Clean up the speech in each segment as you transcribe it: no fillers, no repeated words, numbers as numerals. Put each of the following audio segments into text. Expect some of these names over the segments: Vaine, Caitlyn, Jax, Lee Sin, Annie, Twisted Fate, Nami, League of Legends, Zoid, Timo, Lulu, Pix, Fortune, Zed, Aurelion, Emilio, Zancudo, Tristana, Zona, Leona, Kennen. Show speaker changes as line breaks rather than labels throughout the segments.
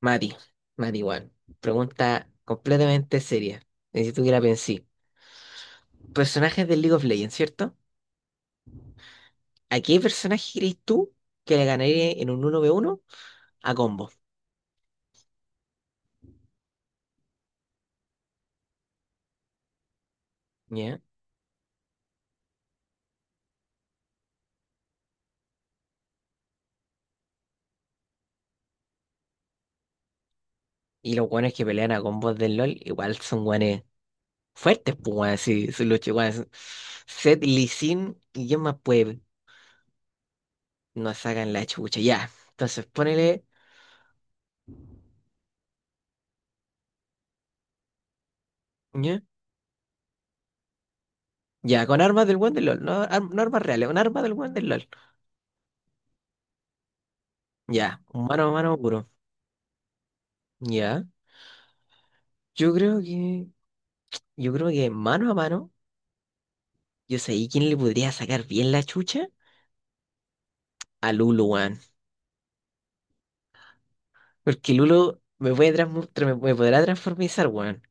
Mati, Juan, pregunta completamente seria. Necesito que la pensé. Personajes del League of Legends, ¿cierto? ¿A qué personaje crees tú que le ganaría en un uno v uno a combo? ¿Ya? Y los guanes que pelean a combos del LoL igual son guanes fuertes, pues guanes, sí, son los guanes. Zed, Lee Sin y quién más puede nos sacan la chucha, ya. Entonces ponele, ¿ya? Ya, con armas del buen del LOL, no, no armas reales, un arma del buen del LOL. Ya, un mano a mano puro. Ya. Yo creo que. Yo creo que mano a mano, yo sé quién le podría sacar bien la chucha a Lulu, weón. Porque Lulu me puede me podrá transformizar, weón.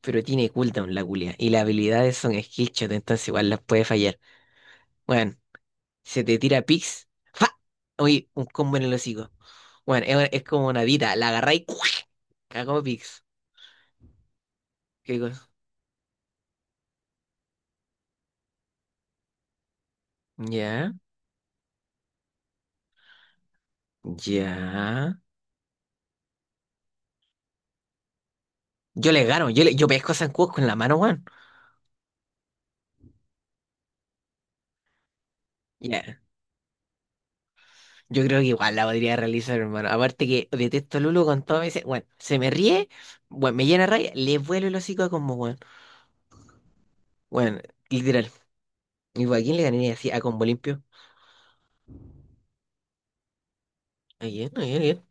Pero tiene cooldown la culia. Y las habilidades son skillshot, entonces igual las puede fallar. Weón, se te tira Pix. ¡Fa! Oye, un combo en el hocico. Weón, es como una dita. ¡La agarrá y cuac! Cagó Pix. ¿Qué cosa? Ya, ya. Yo le gano, yo pesco a Zancudo con la mano, weón. Ya. Yo creo que igual la podría realizar, hermano. Aparte que detesto a Lulu con todo. Me dice, bueno, se me ríe, bueno, me llena raya, le vuelo el hocico a combo, bueno. Bueno, literal. ¿Y a quién le ganaría así a combo limpio? ¿A quién? ¿A quién? ¿A quién?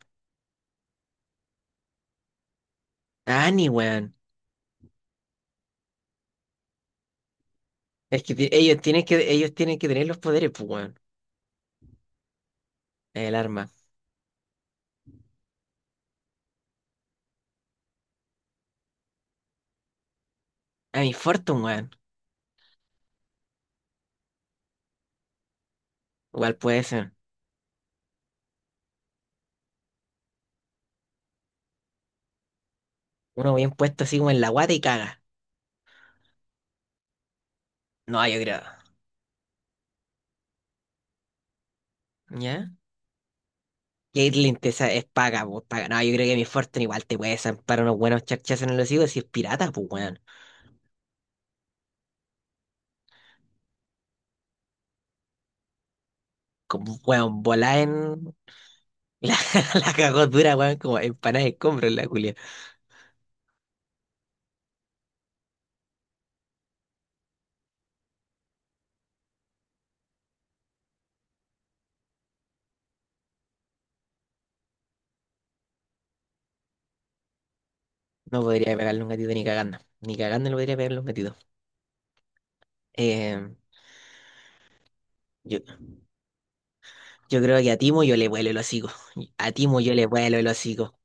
A Annie, weón. Es que ellos tienen que tener los poderes, pues, weón. El arma. A mi Fortune, weón. Igual puede ser. Uno bien puesto así como en la guata y caga. No, yo creo. ¿Ya? Es paga, pues, paga. No, yo creo que mi Fortune igual te puede zampar unos buenos chachas en el hocico si es pirata, pues, weón. Como, weón, volá en. La, la cagó dura, weón, como empanada de escombro en la culia. No podría pegarle un gatito ni cagando. Ni cagando le podría pegarle un gatito. Eh, yo, yo creo que a Timo yo le vuelo el hocico. A Timo yo le vuelo el hocico.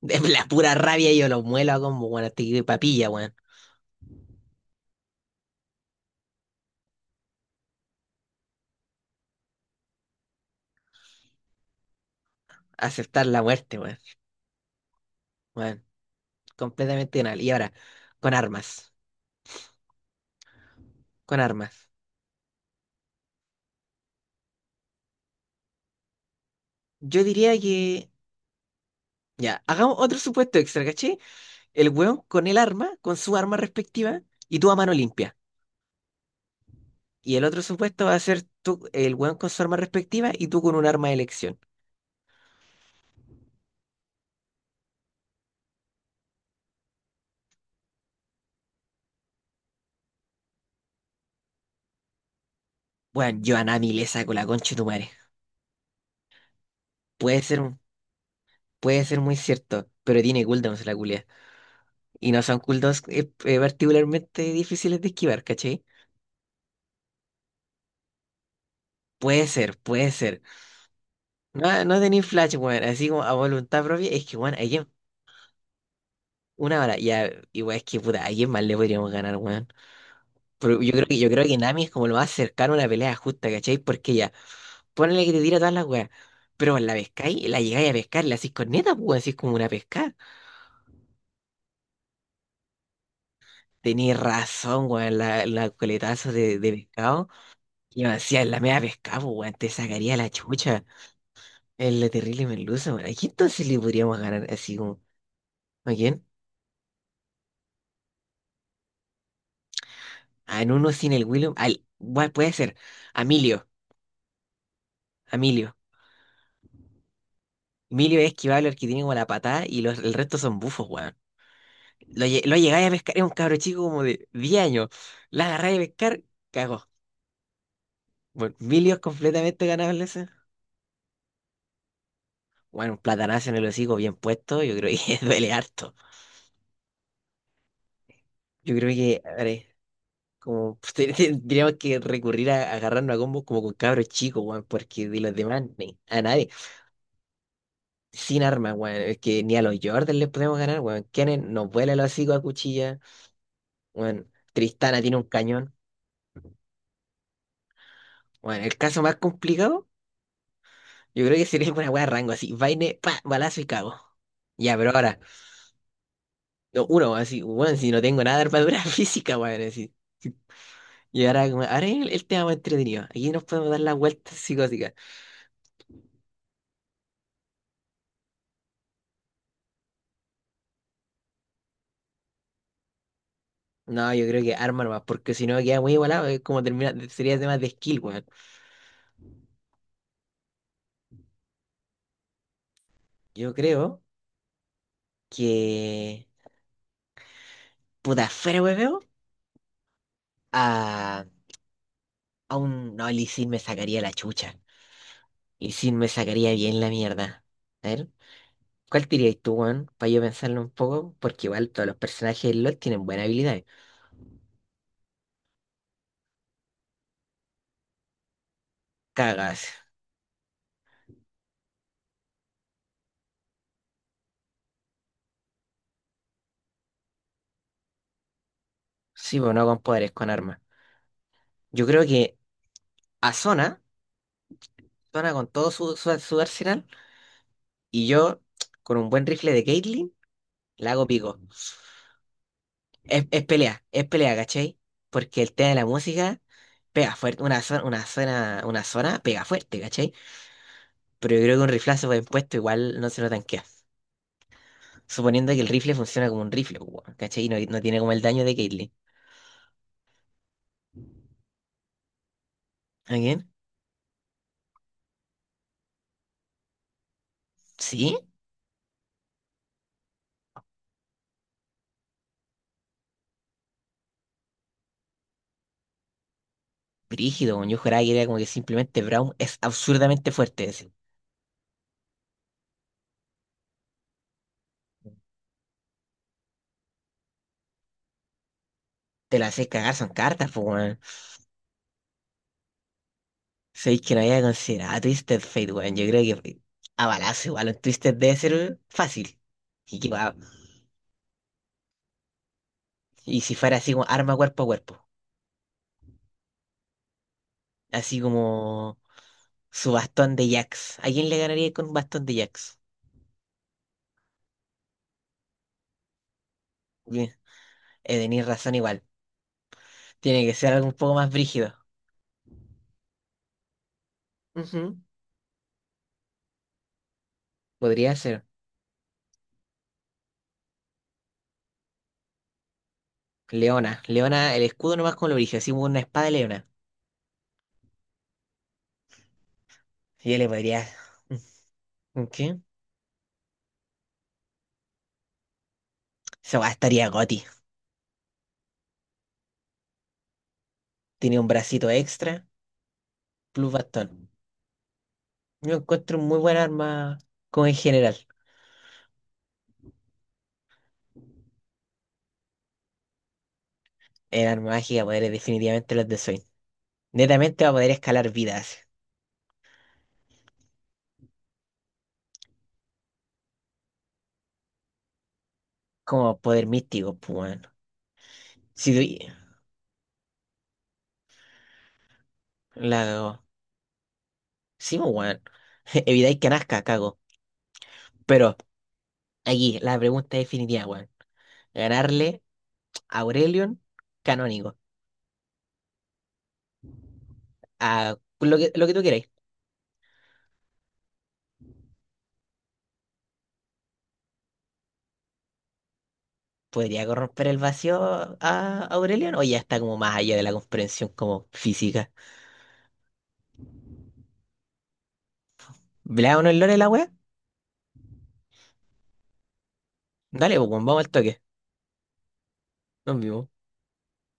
De la pura rabia yo lo muelo a como, weón, hasta que papilla, weón. Aceptar la muerte, weón. Weón, completamente anal. Y ahora, con armas. Con armas. Yo diría que. Ya, hagamos otro supuesto extra, ¿caché? El weón con el arma, con su arma respectiva, y tú a mano limpia. Y el otro supuesto va a ser tú, el weón con su arma respectiva y tú con un arma de elección. Bueno, yo a Nami le saco la concha de tu madre. Puede ser, un- puede ser muy cierto, pero tiene cooldowns la culia. Y no son cooldowns particularmente difíciles de esquivar, ¿cachai? Puede ser, puede ser. No, no tenéis flash, weón, así como a voluntad propia. Es que, weón, una hora, ya, igual es que, puta, ¿a quién más le podríamos ganar, weón? Pero yo creo que Nami es como lo más cercano a una pelea justa, ¿cachai? Porque ya, ponle que te tira todas las weas. Pero la pescáis, la llegáis a pescar, la hacís corneta, pues, weón, así como una pesca. Tenéis razón, weón, la coletazo de pescado. Y me decía, la media pescado, pues, weón, te sacaría la chucha. Es la terrible merluza, weón. ¿A quién entonces le podríamos ganar así como? ¿A quién? A en uno sin el William. Al, weón, puede ser. A Emilio, a Emilio. Emilio es esquivable, el que tiene como la patada y los, el resto son bufos, weón. Lo llegáis a pescar, es un cabro chico como de 10 años. La agarráis a pescar, cagó. Bueno, milios completamente ganables. Ese. Bueno, un platanazo en el hocico bien puesto, yo creo que duele harto. Yo creo que, a ver, como tendríamos que recurrir a, agarrarnos a combos como con cabros chicos, weón, porque de los demás, a nadie, sin armas, weón, es que ni a los Jordan les podemos ganar, weón. Kennen nos vuela el hocico a cuchilla, weón. Tristana tiene un cañón. Bueno, el caso más complicado. Yo creo que sería una weá rango así. Vaine, pa, balazo y cago. Ya, pero ahora, no, uno, así, bueno, si no tengo nada de armadura física, weón, así. Y ahora, ahora es el tema más entretenido. Aquí nos podemos dar las vueltas psicóticas. No, yo creo que arma nomás, porque si no queda muy igualado, es como termina, sería tema de skill, weón. Yo creo que. Puta, fuera, weón, a, a un. No, el Lee Sin me sacaría la chucha. Lee Sin me sacaría bien la mierda. A ver. ¿Cuál dirías tú, weón? Para yo pensarlo un poco, porque igual todos los personajes del LoL tienen buenas habilidades. Cagas. Sí, pero no con poderes, con armas. Yo creo que a Zona, Zona con todo su arsenal, y yo con un buen rifle de Caitlyn, la hago pico. Es pelea, ¿cachai? Porque el tema de la música pega fuerte, una zona, una zona, una zona pega fuerte, ¿cachai? Pero yo creo que un riflazo bien puesto igual no se lo tanquea. Suponiendo que el rifle funciona como un rifle, pues, weón, ¿cachai? Y no, no tiene como el daño de Caitlyn. ¿Alguien? ¿Sí? Brígido, weón. Yo juraba que era como que simplemente Brown es absurdamente fuerte. Así. Te la haces cagar, son cartas, pues, weón. Sabéis que no había considerado a Twisted Fate, weón. Yo creo que a balazo igual un Twisted debe ser fácil. Y, que va- y si fuera así como arma cuerpo a cuerpo. Así como su bastón de Jax. ¿A quién le ganaría con un bastón de Jax? Bien, tenéis razón igual. Tiene que ser algo un poco más brígido. Ujú. Podría ser. Leona. Leona, el escudo nomás con lo brígido, así como una espada de leona. Y yo le podría. Ok. Esa weá estaría goti. Tiene un bracito extra, plus bastón. Yo encuentro muy buena arma como en general. El arma mágica poder es definitivamente los de Zoid. Netamente va a poder escalar vidas. Como poder místico, pues weón. Si doy- la cago. Sí, pues weón. Evitáis que nazca, cago. Pero aquí, la pregunta definitiva, weón. Ganarle a Aurelion canónico. Lo que tú queráis. ¿Podría corromper el vacío a Aurelion? O ya está como más allá de la comprensión como física. ¿Le da uno el lore a la wea? Dale, pues, weón, vamos al toque. Nos vimos.